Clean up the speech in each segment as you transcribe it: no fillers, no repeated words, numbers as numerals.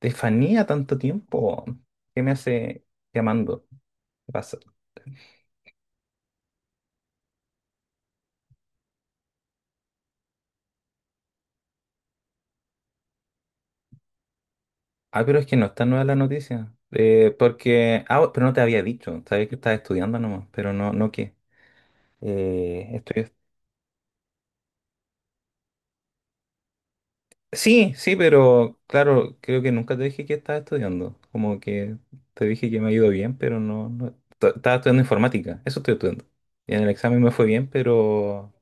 Estefanía, tanto tiempo. ¿Qué me hace llamando? ¿Qué pasa? Ah, pero es que no está nueva la noticia. Porque. Ah, oh, pero no te había dicho. Sabía que estás estudiando nomás, pero no qué. Estoy... Sí, sí, pero claro, creo que nunca te dije que estaba estudiando. Como que te dije que me ha ido bien, pero no, no... Estaba estudiando informática, eso estoy estudiando. Y en el examen me fue bien, pero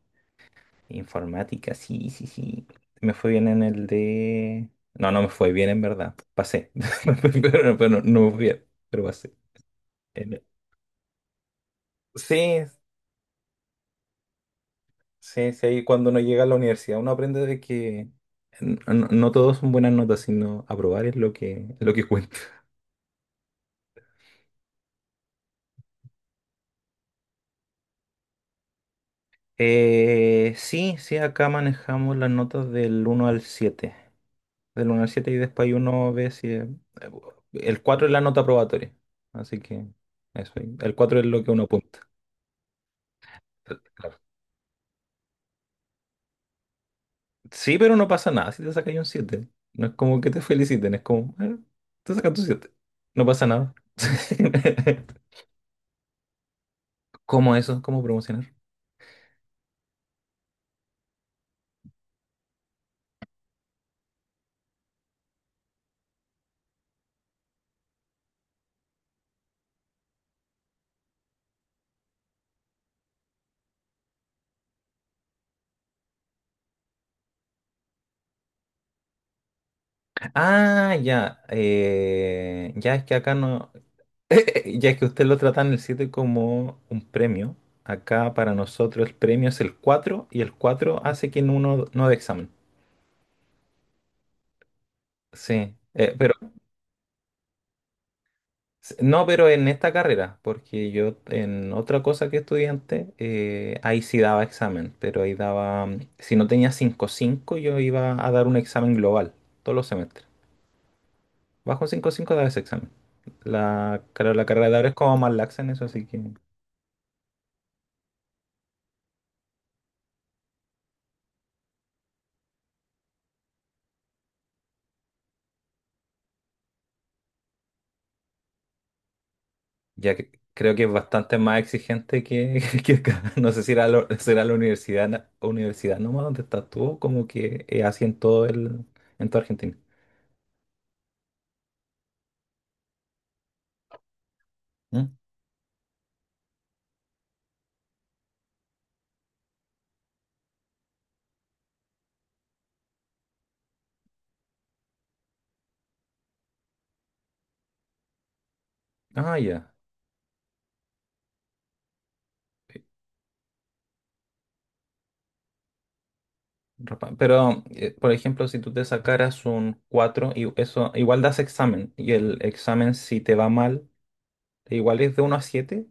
informática, sí, sí, sí. Me fue bien en el de... No, no me fue bien en verdad. Pasé. Pero no me fue bien, pero pasé. En- Sí, sí, sí. ahí Cuando uno llega a la universidad, uno aprende de que no todo son buenas notas, sino aprobar es lo que cuenta. Sí, sí, acá manejamos las notas del uno al siete. Del uno al 7 y después ahí uno ve si... El 4 es la nota aprobatoria, así que eso. Ahí. El 4 es lo que uno apunta. Claro. Sí, pero no pasa nada si te sacas un siete. No es como que te feliciten, es como, te sacas tu 7, no pasa nada." ¿Cómo eso? ¿Cómo promocionar? Ah, ya. Ya es que acá no. Ya es que usted lo trata en el 7 como un premio. Acá para nosotros el premio es el 4 y el 4 hace que uno no dé examen. Sí, pero no, pero en esta carrera, porque yo en otra cosa que estudiante, ahí sí daba examen, pero ahí daba, si no tenía cinco cinco yo iba a dar un examen global todos los semestres. Bajo cinco cinco daba ese examen. La, claro, la carrera de ahora es como más laxa en eso, así que ya creo que es bastante más exigente que, que acá. No sé si era, será la universidad, universidad nomás donde estás tú, como que así en todo el, en toda Argentina. ¿Mm? Ah, ya. Ropa. Pero, por ejemplo, si tú te sacaras un 4 y eso, igual das examen. Y el examen, si te va mal, igual es de uno a siete.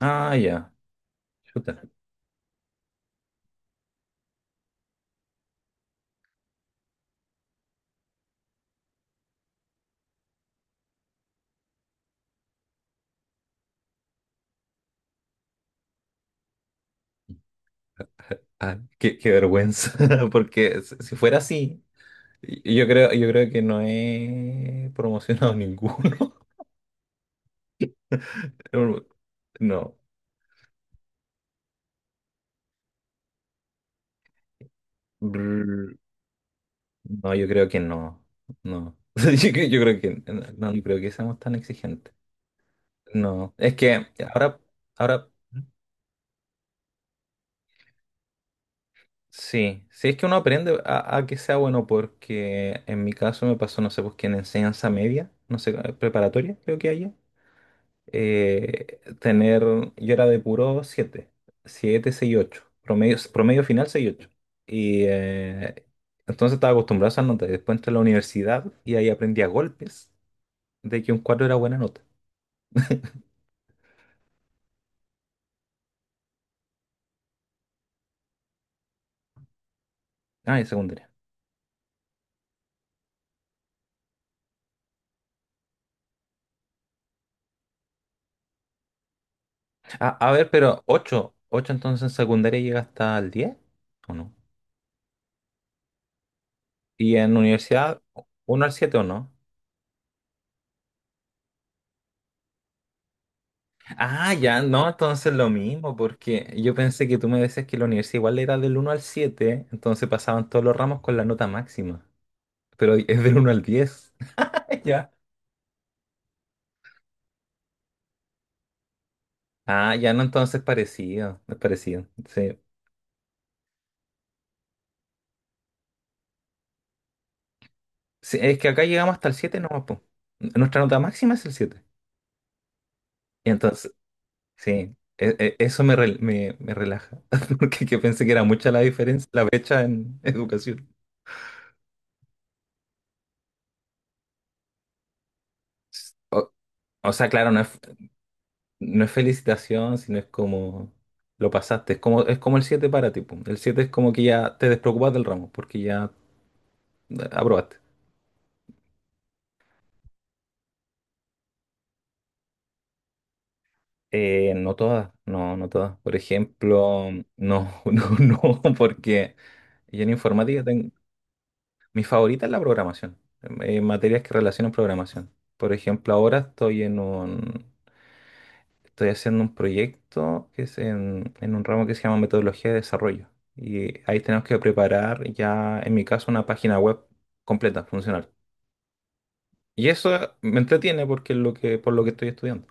Ah, ya. Chuta. Ah, qué vergüenza. Porque si fuera así, yo creo que no he promocionado ninguno. No. Brr. No, yo creo que no. No. Yo creo que no, no creo que seamos tan exigentes. No. Es que ahora. Ahora sí, sí es que uno aprende a que sea bueno porque en mi caso me pasó, no sé, pues que en enseñanza media, no sé, preparatoria creo que haya, tener, yo era de puro 7, 7 6 8 promedio, promedio final 6 ocho. Y entonces estaba acostumbrado a esas notas. Después entré a la universidad y ahí aprendí a golpes de que un 4 era buena nota. Ah, en secundaria. Ah, a ver, pero 8 8 entonces en secundaria llega hasta el diez, ¿o no? Y en universidad, uno al 7 o no. Ah, ya, no, entonces lo mismo, porque yo pensé que tú me decías que la universidad igual era del uno al 7, entonces pasaban todos los ramos con la nota máxima, pero es del uno al diez. Ya. Ah, ya no, entonces parecido, es parecido. Sí. Sí, es que acá llegamos hasta el 7, no, po. Nuestra nota máxima es el 7. Y entonces, sí, eso me, me, me relaja, porque que pensé que era mucha la diferencia, la brecha en educación. O, o sea, claro, no es. No es felicitación, sino es como lo pasaste. Es como el 7 para ti. Pum. El 7 es como que ya te despreocupas del ramo, porque ya aprobaste. No todas, no, no todas. Por ejemplo, no, no, no, porque yo en informática tengo, mi favorita es la programación, materias que relacionan programación. Por ejemplo, ahora estoy en un, estoy haciendo un proyecto que es en un ramo que se llama metodología de desarrollo. Y ahí tenemos que preparar ya, en mi caso, una página web completa, funcional. Y eso me entretiene porque es lo que, por lo que estoy estudiando.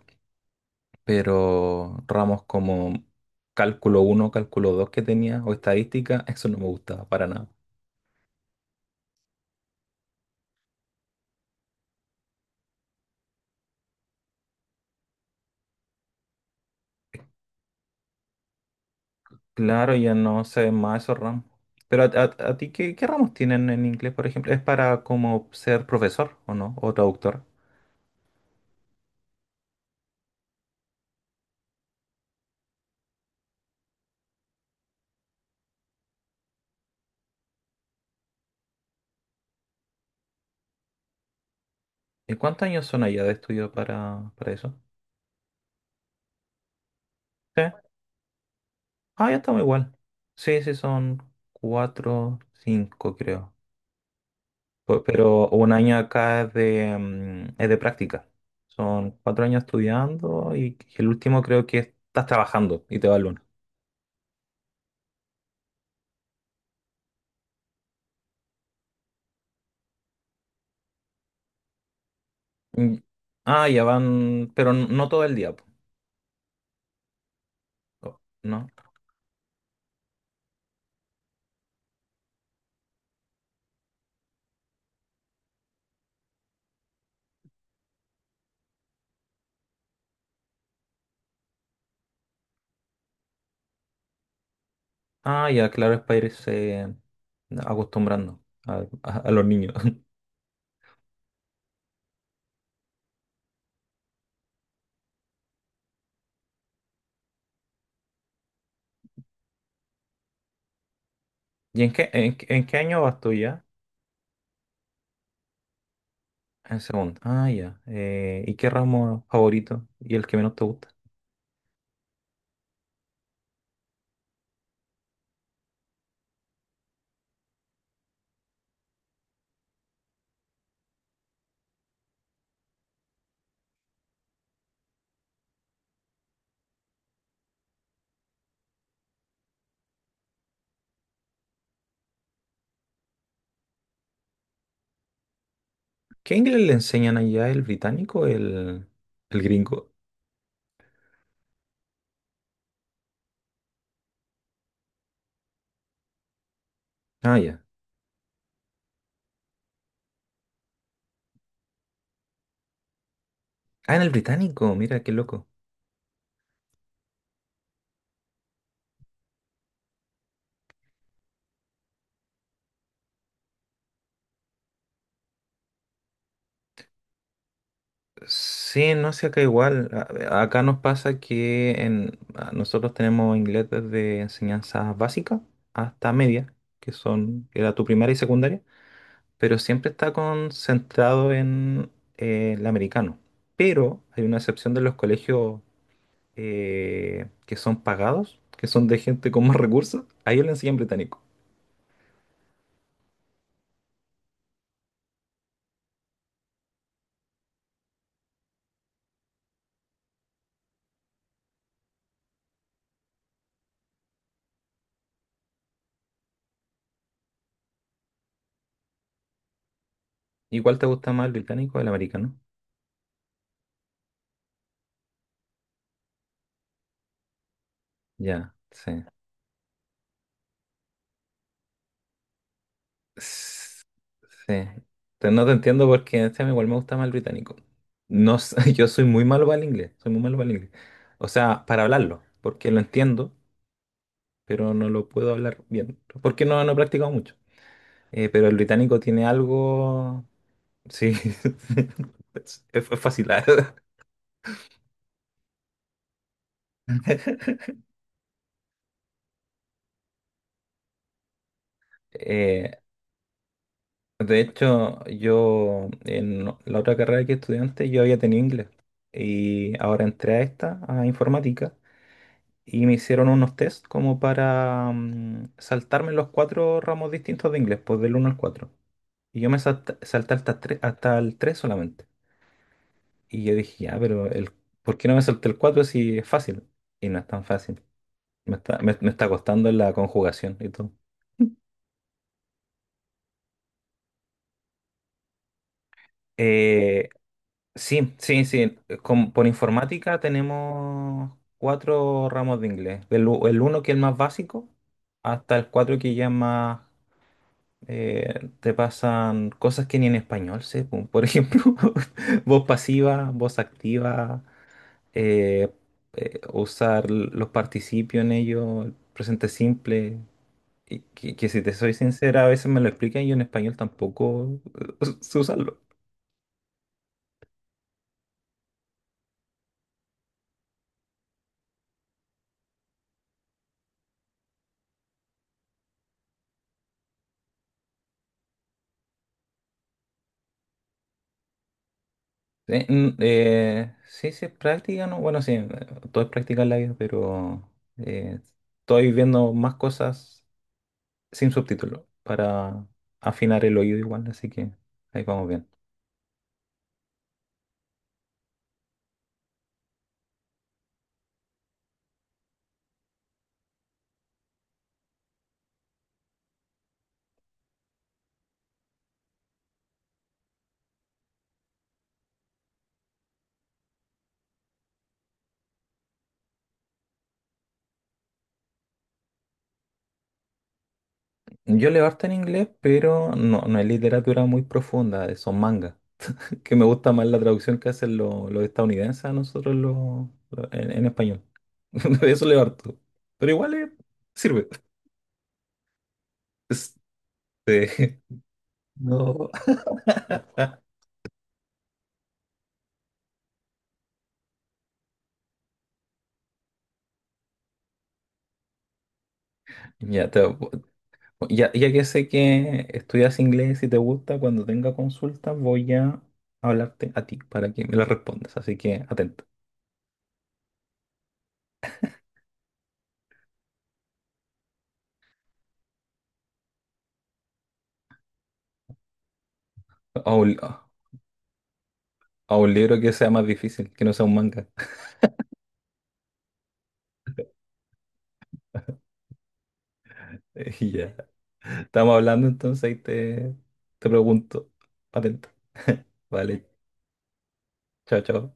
Pero ramos como cálculo uno, cálculo 2 que tenía, o estadística, eso no me gustaba para nada. Claro, ya no sé ven más esos ramos. Pero a, a ti, ¿qué, qué ramos tienen en inglés, por ejemplo? ¿Es para como ser profesor o no? ¿O traductor? ¿Y cuántos años son allá de estudio para eso? Sí. Ah, ya estamos igual. Sí, sí, son cuatro, cinco, creo. Pero un año acá es de, es de práctica. Son cuatro años estudiando y el último creo que estás trabajando y te va el lunes. Mm, ah, ya van, pero no todo el día, po. Oh, ¿no? Ah, ya, claro, es para irse acostumbrando a, a los niños. ¿Y en qué, en, qué en qué año vas tú ya? En segundo. Ah, ya. ¿Y qué ramo favorito y el que menos te gusta? ¿Qué inglés le enseñan allá? ¿El británico o el gringo? Ah, ya. Ah, en el británico, mira qué loco. Sí, no sé, acá igual. Acá nos pasa que en, nosotros tenemos inglés desde enseñanzas básicas hasta media, que son, era tu primaria y secundaria, pero siempre está concentrado en el americano. Pero hay una excepción de los colegios que son pagados, que son de gente con más recursos, a ellos le enseñan británico. ¿Y cuál te gusta más, el británico o el americano? Ya, sí. S- sí. Te- No te entiendo porque este a mí igual me gusta más el británico. No, sé, yo soy muy malo para el inglés, soy muy malo para el inglés. O sea, para hablarlo, porque lo entiendo, pero no lo puedo hablar bien, porque no, no he practicado mucho. Pero el británico tiene algo... Sí, es fácil. Eh, De hecho, yo en la otra carrera que estudiante yo había tenido inglés y ahora entré a esta, a informática, y me hicieron unos test como para saltarme los cuatro ramos distintos de inglés, pues del uno al cuatro. Y yo me salté hasta, hasta el 3 solamente. Y yo dije, ya, pero el, ¿por qué no me salté el 4 si es fácil? Y no es tan fácil. Me está, me está costando la conjugación y todo. Eh, Sí, sí, sí. Por informática tenemos cuatro ramos de inglés. El, uno que es el más básico, hasta el cuatro que ya es más te pasan cosas que ni en español sé. Po. Por ejemplo, voz pasiva, voz activa, eh, usar los participios en ello, el presente simple. Que si te soy sincera, a veces me lo explican y yo en español tampoco sé usarlo. Sí, sí, es práctica, ¿no? Bueno, sí, todo es práctica en la vida, pero eh, estoy viendo más cosas sin subtítulos para afinar el oído igual, así que ahí vamos bien. Yo leo harto en inglés, pero no, no es literatura muy profunda, son mangas, que me gusta más la traducción que hacen los estadounidenses a nosotros los, en español. De eso leo harto, pero igual sirve. Este, no. Ya, te, ya, ya que sé que estudias inglés y te gusta, cuando tenga consultas voy a hablarte a ti para que me la respondas. Así que atento. A un libro que sea más difícil, que no sea un manga. Y ya. Estamos hablando entonces y te pregunto. Atento. Vale. Chao, chao.